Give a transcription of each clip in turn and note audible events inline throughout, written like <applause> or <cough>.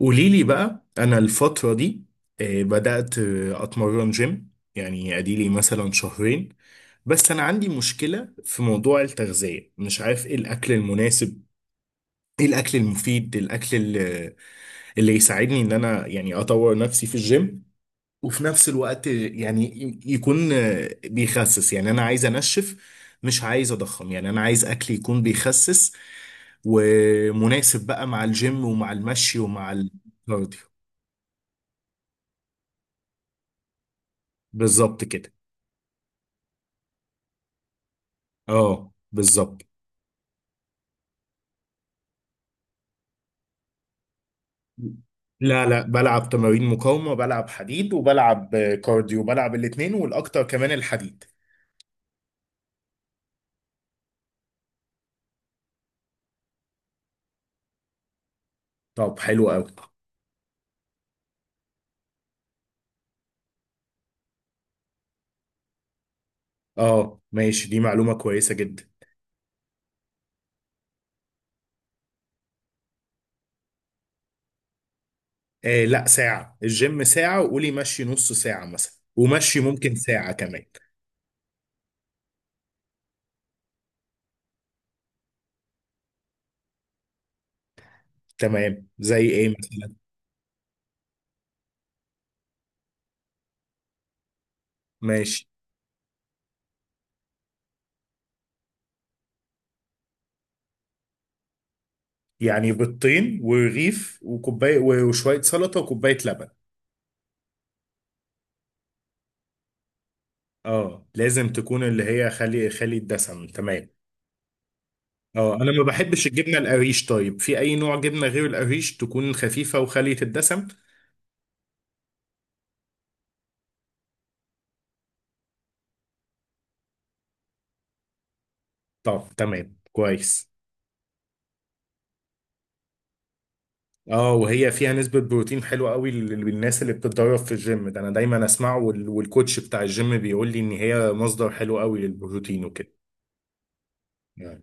قولي لي بقى انا الفتره دي، بدات اتمرن جيم، يعني اديلي مثلا شهرين. بس انا عندي مشكله في موضوع التغذيه، مش عارف ايه الاكل المناسب، ايه الاكل المفيد، الاكل اللي يساعدني ان انا يعني اطور نفسي في الجيم، وفي نفس الوقت يعني يكون بيخسس، يعني انا عايز انشف، مش عايز اضخم، يعني انا عايز اكل يكون بيخسس ومناسب بقى مع الجيم ومع المشي ومع الكارديو. بالظبط كده. اه، بالظبط. لا، لا، بلعب تمارين مقاومة، بلعب حديد، وبلعب كارديو، بلعب الاتنين، والأكتر كمان الحديد. طب حلو أوي. اه، ماشي، دي معلومة كويسة جدا. آه، لا، ساعة الجيم ساعة، وقولي مشي نص ساعة مثلا، ومشي ممكن ساعة كمان. تمام، زي ايه مثلا؟ ماشي. يعني بيضتين ورغيف وكوباية وشوية سلطة وكوباية لبن؟ اه، لازم تكون اللي هي خالي الدسم، تمام. اه، انا ما بحبش الجبنه القريش، طيب في اي نوع جبنه غير القريش تكون خفيفه وخاليه الدسم؟ طب تمام، كويس. اه، وهي فيها نسبه بروتين حلوه قوي للناس اللي بتتدرب في الجيم، ده انا دايما اسمعه، والكوتش بتاع الجيم بيقول لي ان هي مصدر حلو قوي للبروتين وكده، يعني.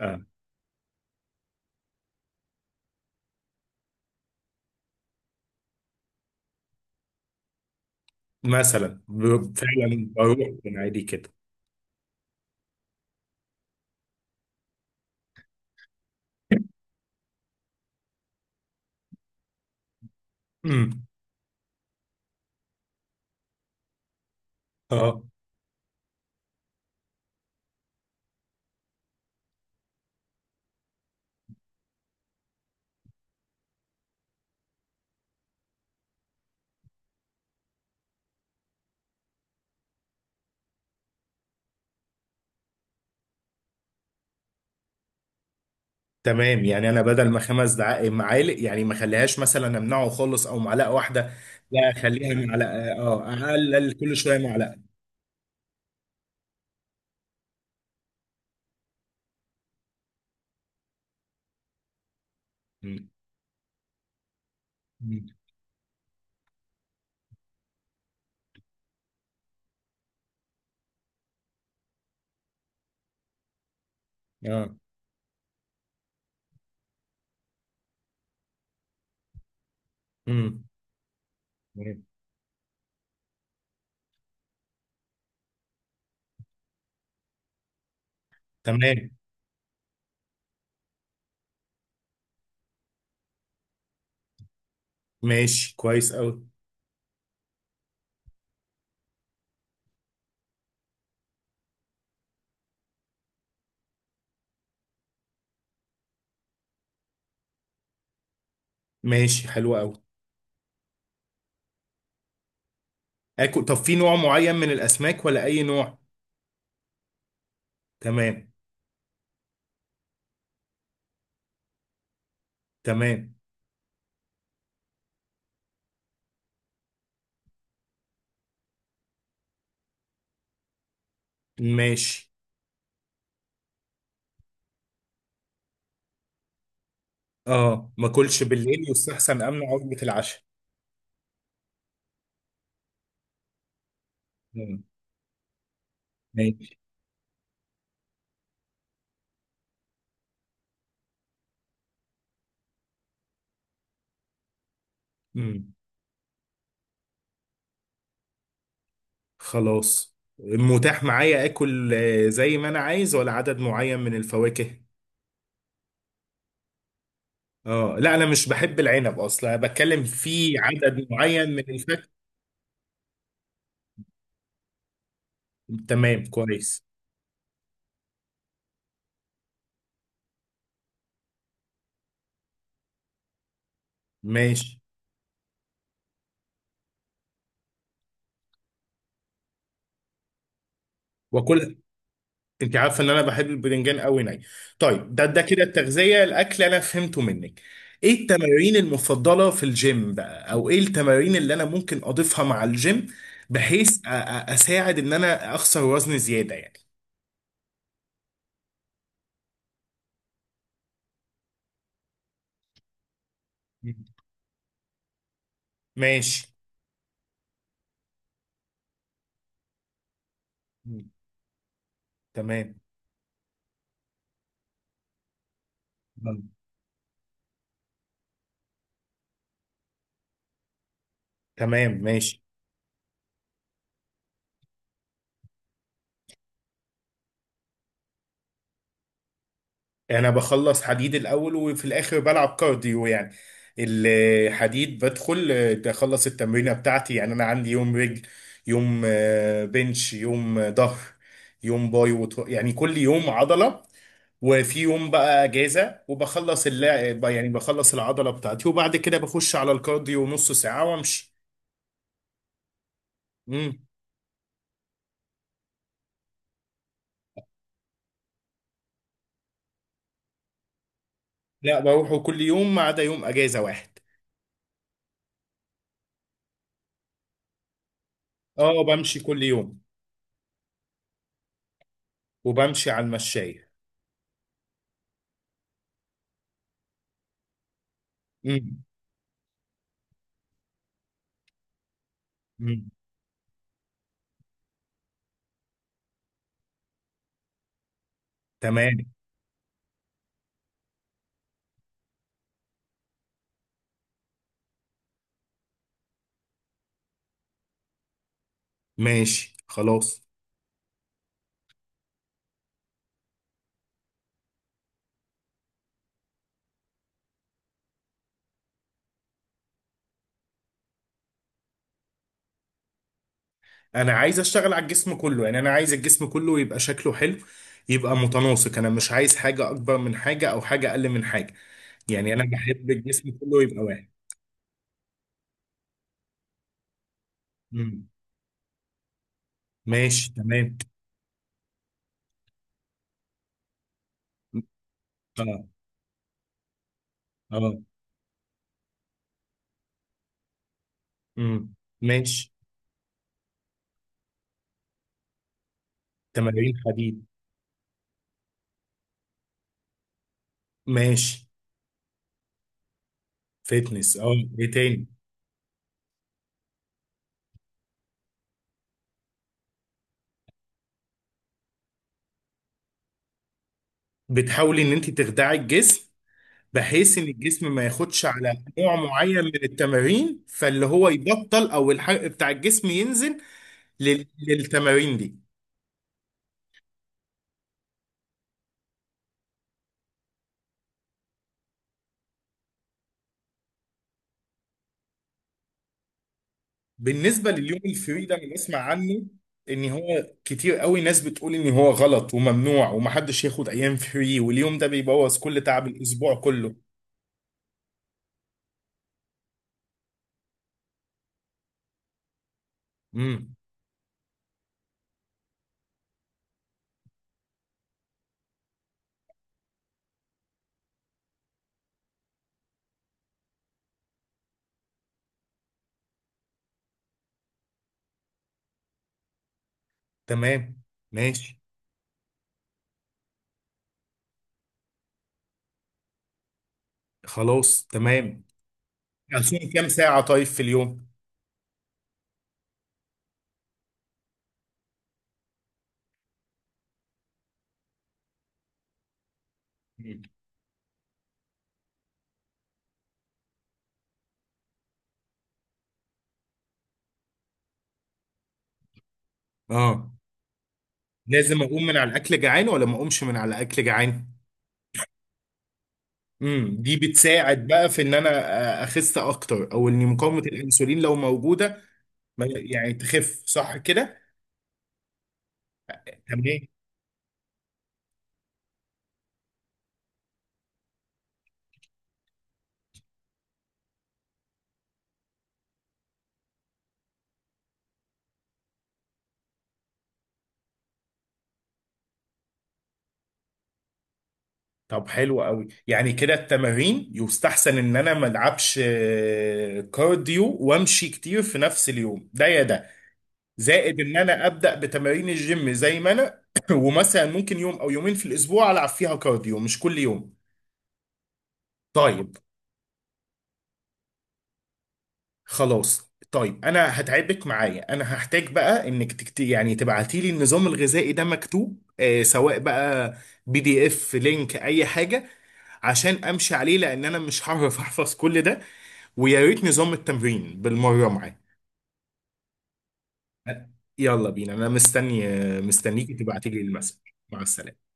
آه. مثلا فعلا بروح. من عادي كده. <clears throat> <laughs> أمم. اه، تمام، يعني انا بدل ما خمس معالق، يعني ما اخليهاش مثلا، امنعه خالص او معلقه واحده؟ لا، اخليها معلقه، اه اقلل كل شويه معلقه. مم. مم. اه. مم. مم. تمام، ماشي، كويس قوي. ماشي، حلو قوي. اكل، طب في نوع معين من الاسماك ولا اي نوع؟ تمام. تمام، ماشي. اه، ما اكلش بالليل، يستحسن امنع وجبه العشاء؟ مم. ماشي. مم. خلاص، متاح معايا اكل زي ما انا عايز، ولا عدد معين من الفواكه؟ اه، لا، انا مش بحب العنب اصلا، أنا بتكلم في عدد معين من الفاكهه. تمام، كويس. ماشي، واكل. انت عارفه ان انا بحب الباذنجان قوي ني. طيب، ده كده التغذيه الاكل انا فهمته منك. ايه التمارين المفضله في الجيم بقى، او ايه التمارين اللي انا ممكن اضيفها مع الجيم؟ بحيث اساعد ان انا اخسر وزن زياده يعني. مم. ماشي. مم. تمام. مم. تمام، ماشي. انا بخلص حديد الاول، وفي الاخر بلعب كارديو يعني. الحديد بدخل اخلص التمرينه بتاعتي، يعني انا عندي يوم رجل، يوم بنش، يوم ظهر، يوم باي يعني كل يوم عضله. وفي يوم بقى اجازه، وبخلص اللعب، يعني بخلص العضله بتاعتي وبعد كده بخش على الكارديو نص ساعه وامشي. مم. لا، بروحه كل يوم ما عدا يوم اجازه واحد. اه، بمشي كل يوم. وبمشي على المشايه. مم. مم. تمام، ماشي، خلاص. انا عايز اشتغل على الجسم كله، يعني انا عايز الجسم كله يبقى شكله حلو، يبقى متناسق، انا مش عايز حاجة اكبر من حاجة او حاجة اقل من حاجة، يعني انا بحب الجسم كله يبقى واحد. امم. ماشي، تمام. اه. اه. امم. ماشي. تمارين حديد. ماشي. فتنس، اه. ايه تاني؟ بتحاولي ان انت تخدعي الجسم، بحيث ان الجسم ما ياخدش على نوع معين من التمارين، فاللي هو يبطل، او الحرق بتاع الجسم ينزل للتمارين دي. بالنسبه لليوم الفري ده، انا بسمع عنه ان هو كتير قوي ناس بتقول ان هو غلط وممنوع ومحدش ياخد ايام فري، واليوم ده بيبوظ كل تعب الاسبوع كله. امم. تمام، ماشي. خلاص، تمام. اصوم كام ساعه طيب في اليوم؟ مم. اه، لازم اقوم من على الاكل جعان، ولا ما اقومش من على الاكل جعان؟ امم، دي بتساعد بقى في ان انا اخس اكتر، او ان مقاومه الانسولين لو موجوده يعني تخف صح كده؟ تمام. طب حلو قوي، يعني كده التمارين يستحسن ان انا ما العبش كارديو وامشي كتير في نفس اليوم، ده يا ده؟ زائد ان انا ابدا بتمارين الجيم زي ما انا <clears throat> ومثلا ممكن يوم او يومين في الاسبوع العب فيها كارديو، مش كل يوم. طيب. خلاص طيب، انا هتعبك معايا، انا هحتاج بقى انك يعني تبعتي لي النظام الغذائي ده مكتوب، سواء بقى PDF، لينك، اي حاجه، عشان امشي عليه، لان انا مش هعرف احفظ كل ده. ويا ريت نظام التمرين بالمرة معاك. يلا بينا، أنا مستني، مستنيكي تبعتي لي المسج. مع السلامة.